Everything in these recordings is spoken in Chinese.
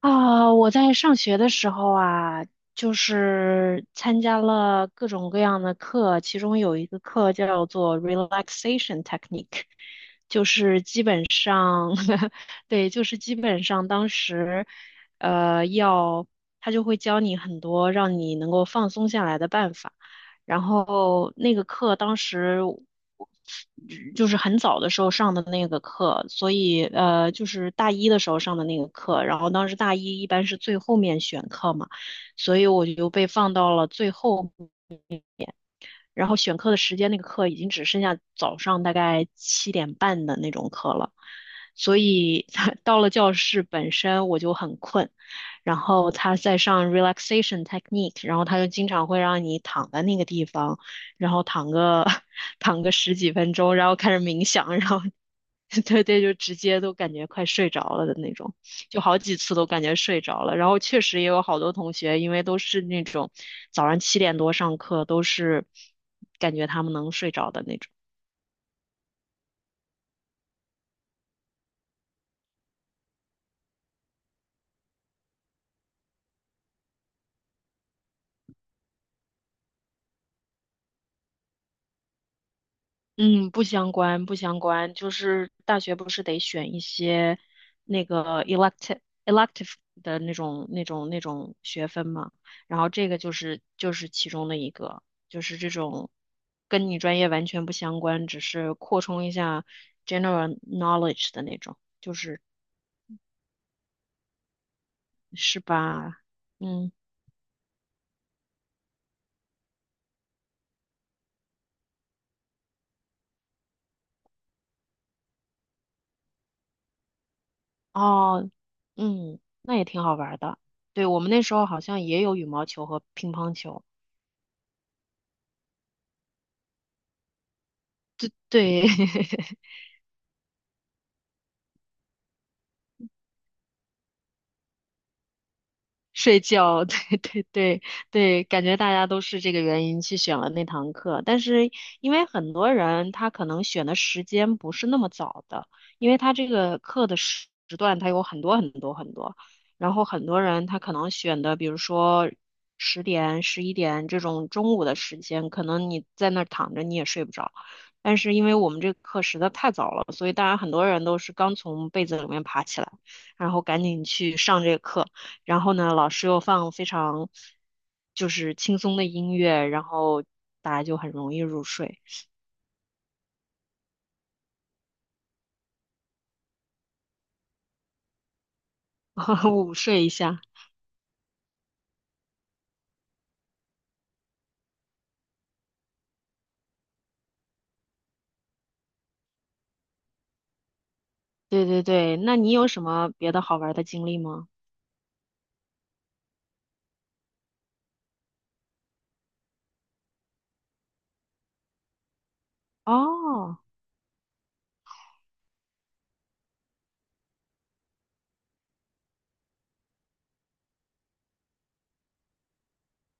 啊，我在上学的时候啊，就是参加了各种各样的课，其中有一个课叫做 relaxation technique，本上，对，就是基本上当时，呃，要他就会教你很多让你能够放松下来的办法。然后那个课当时我就是很早的时候上的那个课，所以就是大一的时候上的那个课。然后当时大一一般是最后面选课嘛，所以我就被放到了最后。然后选课的时间，那个课已经只剩下早上大概7点半的那种课了，所以 到了教室本身我就很困。然后他在上 relaxation technique，然后他就经常会让你躺在那个地方，然后躺个 躺个十几分钟，然后开始冥想，然后 对对，就直接都感觉快睡着了的那种，就好几次都感觉睡着了。然后确实也有好多同学，因为都是那种早上7点多上课，都是感觉他们能睡着的那种。嗯，不相关，不相关，就是大学不是得选一些那个 elective 的那种学分嘛，然后这个就是其中的一个，就是这种跟你专业完全不相关，只是扩充一下 general knowledge 的那种，就是是吧？嗯，哦，嗯，那也挺好玩儿的。对，我们那时候好像也有羽毛球和乒乓球，对。睡觉，对对对对，感觉大家都是这个原因去选了那堂课，但是因为很多人他可能选的时间不是那么早的，因为他这个课的时段他有很多很多很多，然后很多人他可能选的，比如说10点、11点这种中午的时间，可能你在那儿躺着你也睡不着，但是因为我们这个课实在太早了，所以当然很多人都是刚从被子里面爬起来，然后赶紧去上这个课。然后呢，老师又放非常就是轻松的音乐，然后大家就很容易入睡，午睡一下。对对对，那你有什么别的好玩的经历吗？哦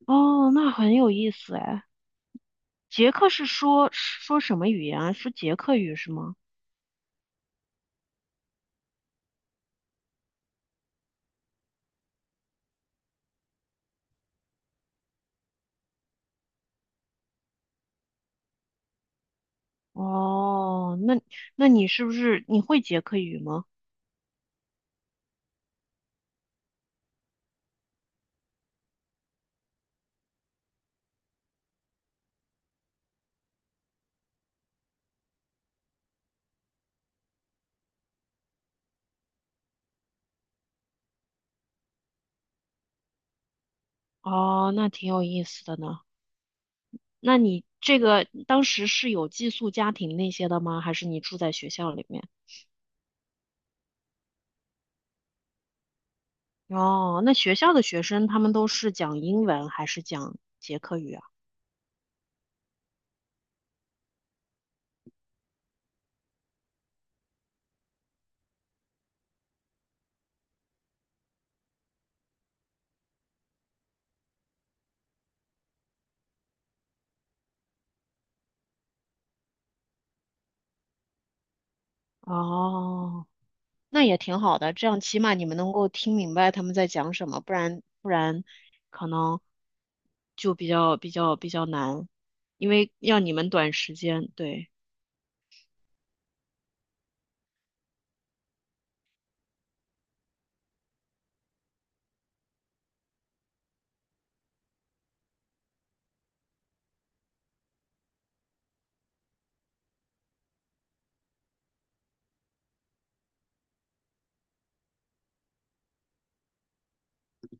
哦，那很有意思哎。捷克是说什么语言啊？说捷克语是吗？哦，那你是不是你会捷克语吗？哦，那挺有意思的呢。那你这个当时是有寄宿家庭那些的吗？还是你住在学校里面？哦，那学校的学生他们都是讲英文还是讲捷克语啊？哦，那也挺好的，这样起码你们能够听明白他们在讲什么，不然可能就比较难，因为要你们短时间，对，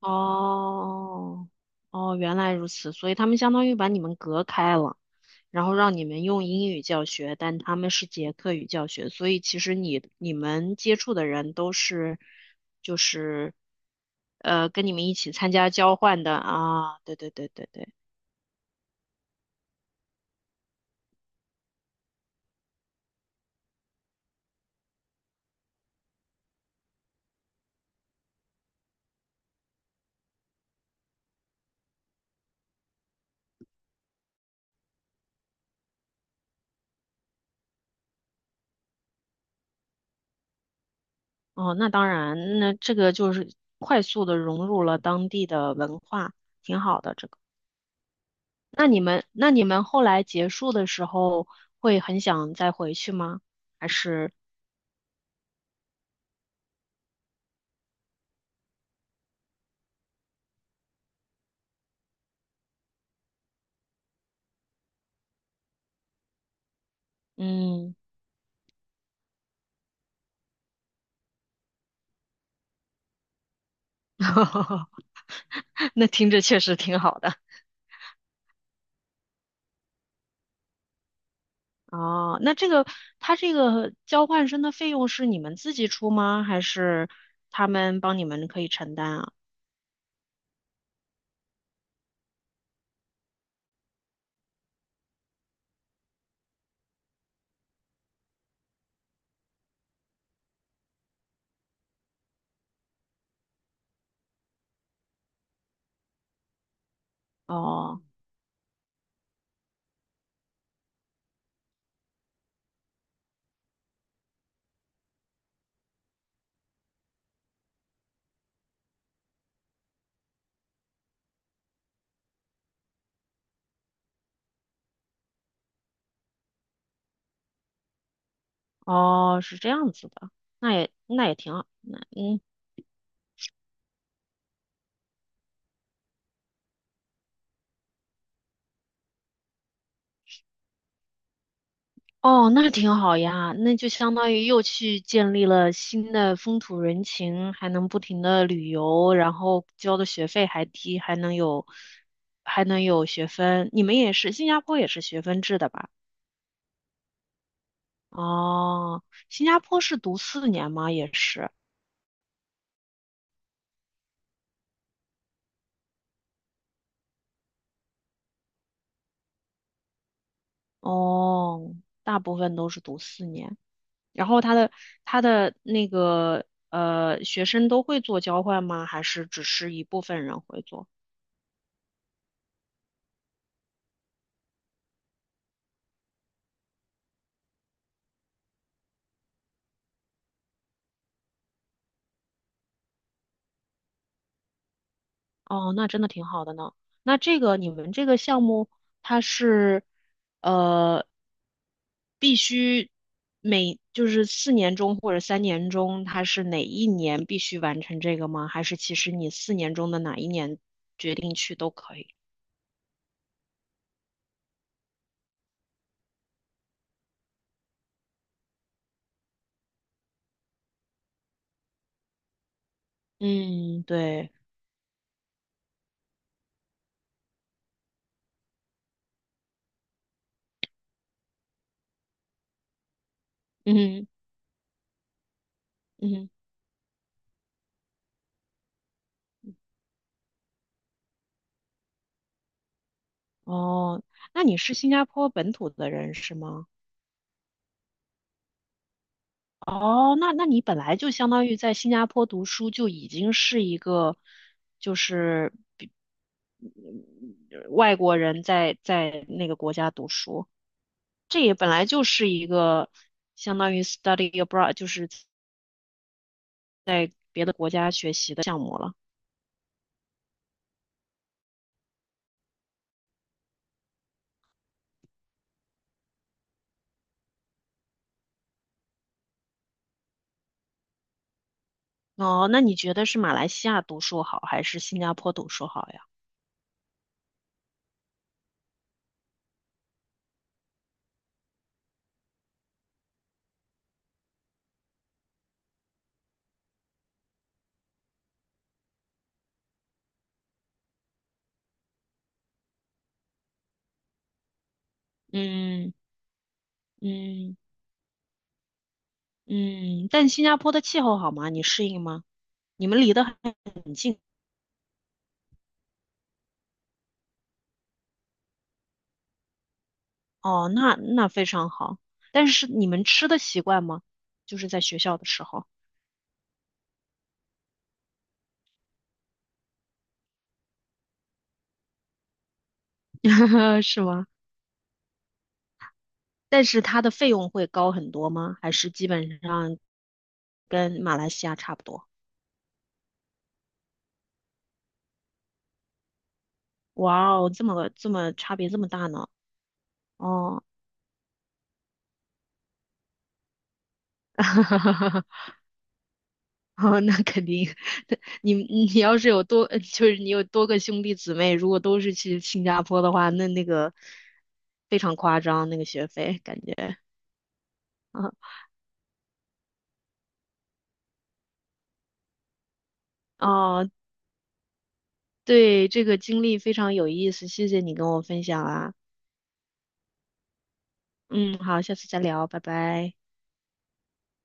哦哦，原来如此，所以他们相当于把你们隔开了。然后让你们用英语教学，但他们是捷克语教学，所以其实你们接触的人都是就是跟你们一起参加交换的啊，对对对对对，哦，那当然，那这个就是快速的融入了当地的文化，挺好的这个。那你们后来结束的时候会很想再回去吗？还是嗯，那听着确实挺好的。哦，那这个交换生的费用是你们自己出吗？还是他们帮你们可以承担啊？哦哦，是这样子的，那也挺好，那嗯哦，那挺好呀，那就相当于又去建立了新的风土人情，还能不停的旅游，然后交的学费还低，还能有学分。你们也是，新加坡也是学分制的吧？哦，新加坡是读四年吗？也是。哦，大部分都是读四年，然后他的那个学生都会做交换吗？还是只是一部分人会做？哦，那真的挺好的呢。那这个你们这个项目，它是呃必须每就是四年中或者3年中，它是哪一年必须完成这个吗？还是其实你四年中的哪一年决定去都可以？嗯，对，嗯嗯。哦，那你是新加坡本土的人是吗？哦，那你本来就相当于在新加坡读书，就已经是一个就是嗯外国人在那个国家读书，这也本来就是一个相当于 study abroad,就是别的国家学习的项目了。哦，那你觉得是马来西亚读书好，还是新加坡读书好呀？嗯嗯嗯，但新加坡的气候好吗？你适应吗？你们离得很近。哦，那非常好。但是你们吃的习惯吗？就是在学校的时候，是吗？但是它的费用会高很多吗？还是基本上跟马来西亚差不多？哇哦，这么差别这么大呢？哦，哦，那肯定。你要是有多，你有多个兄弟姊妹，如果都是去新加坡的话，那个非常夸张，那个学费感觉。哦，对，这个经历非常有意思，谢谢你跟我分享啊。嗯，好，下次再聊，拜拜。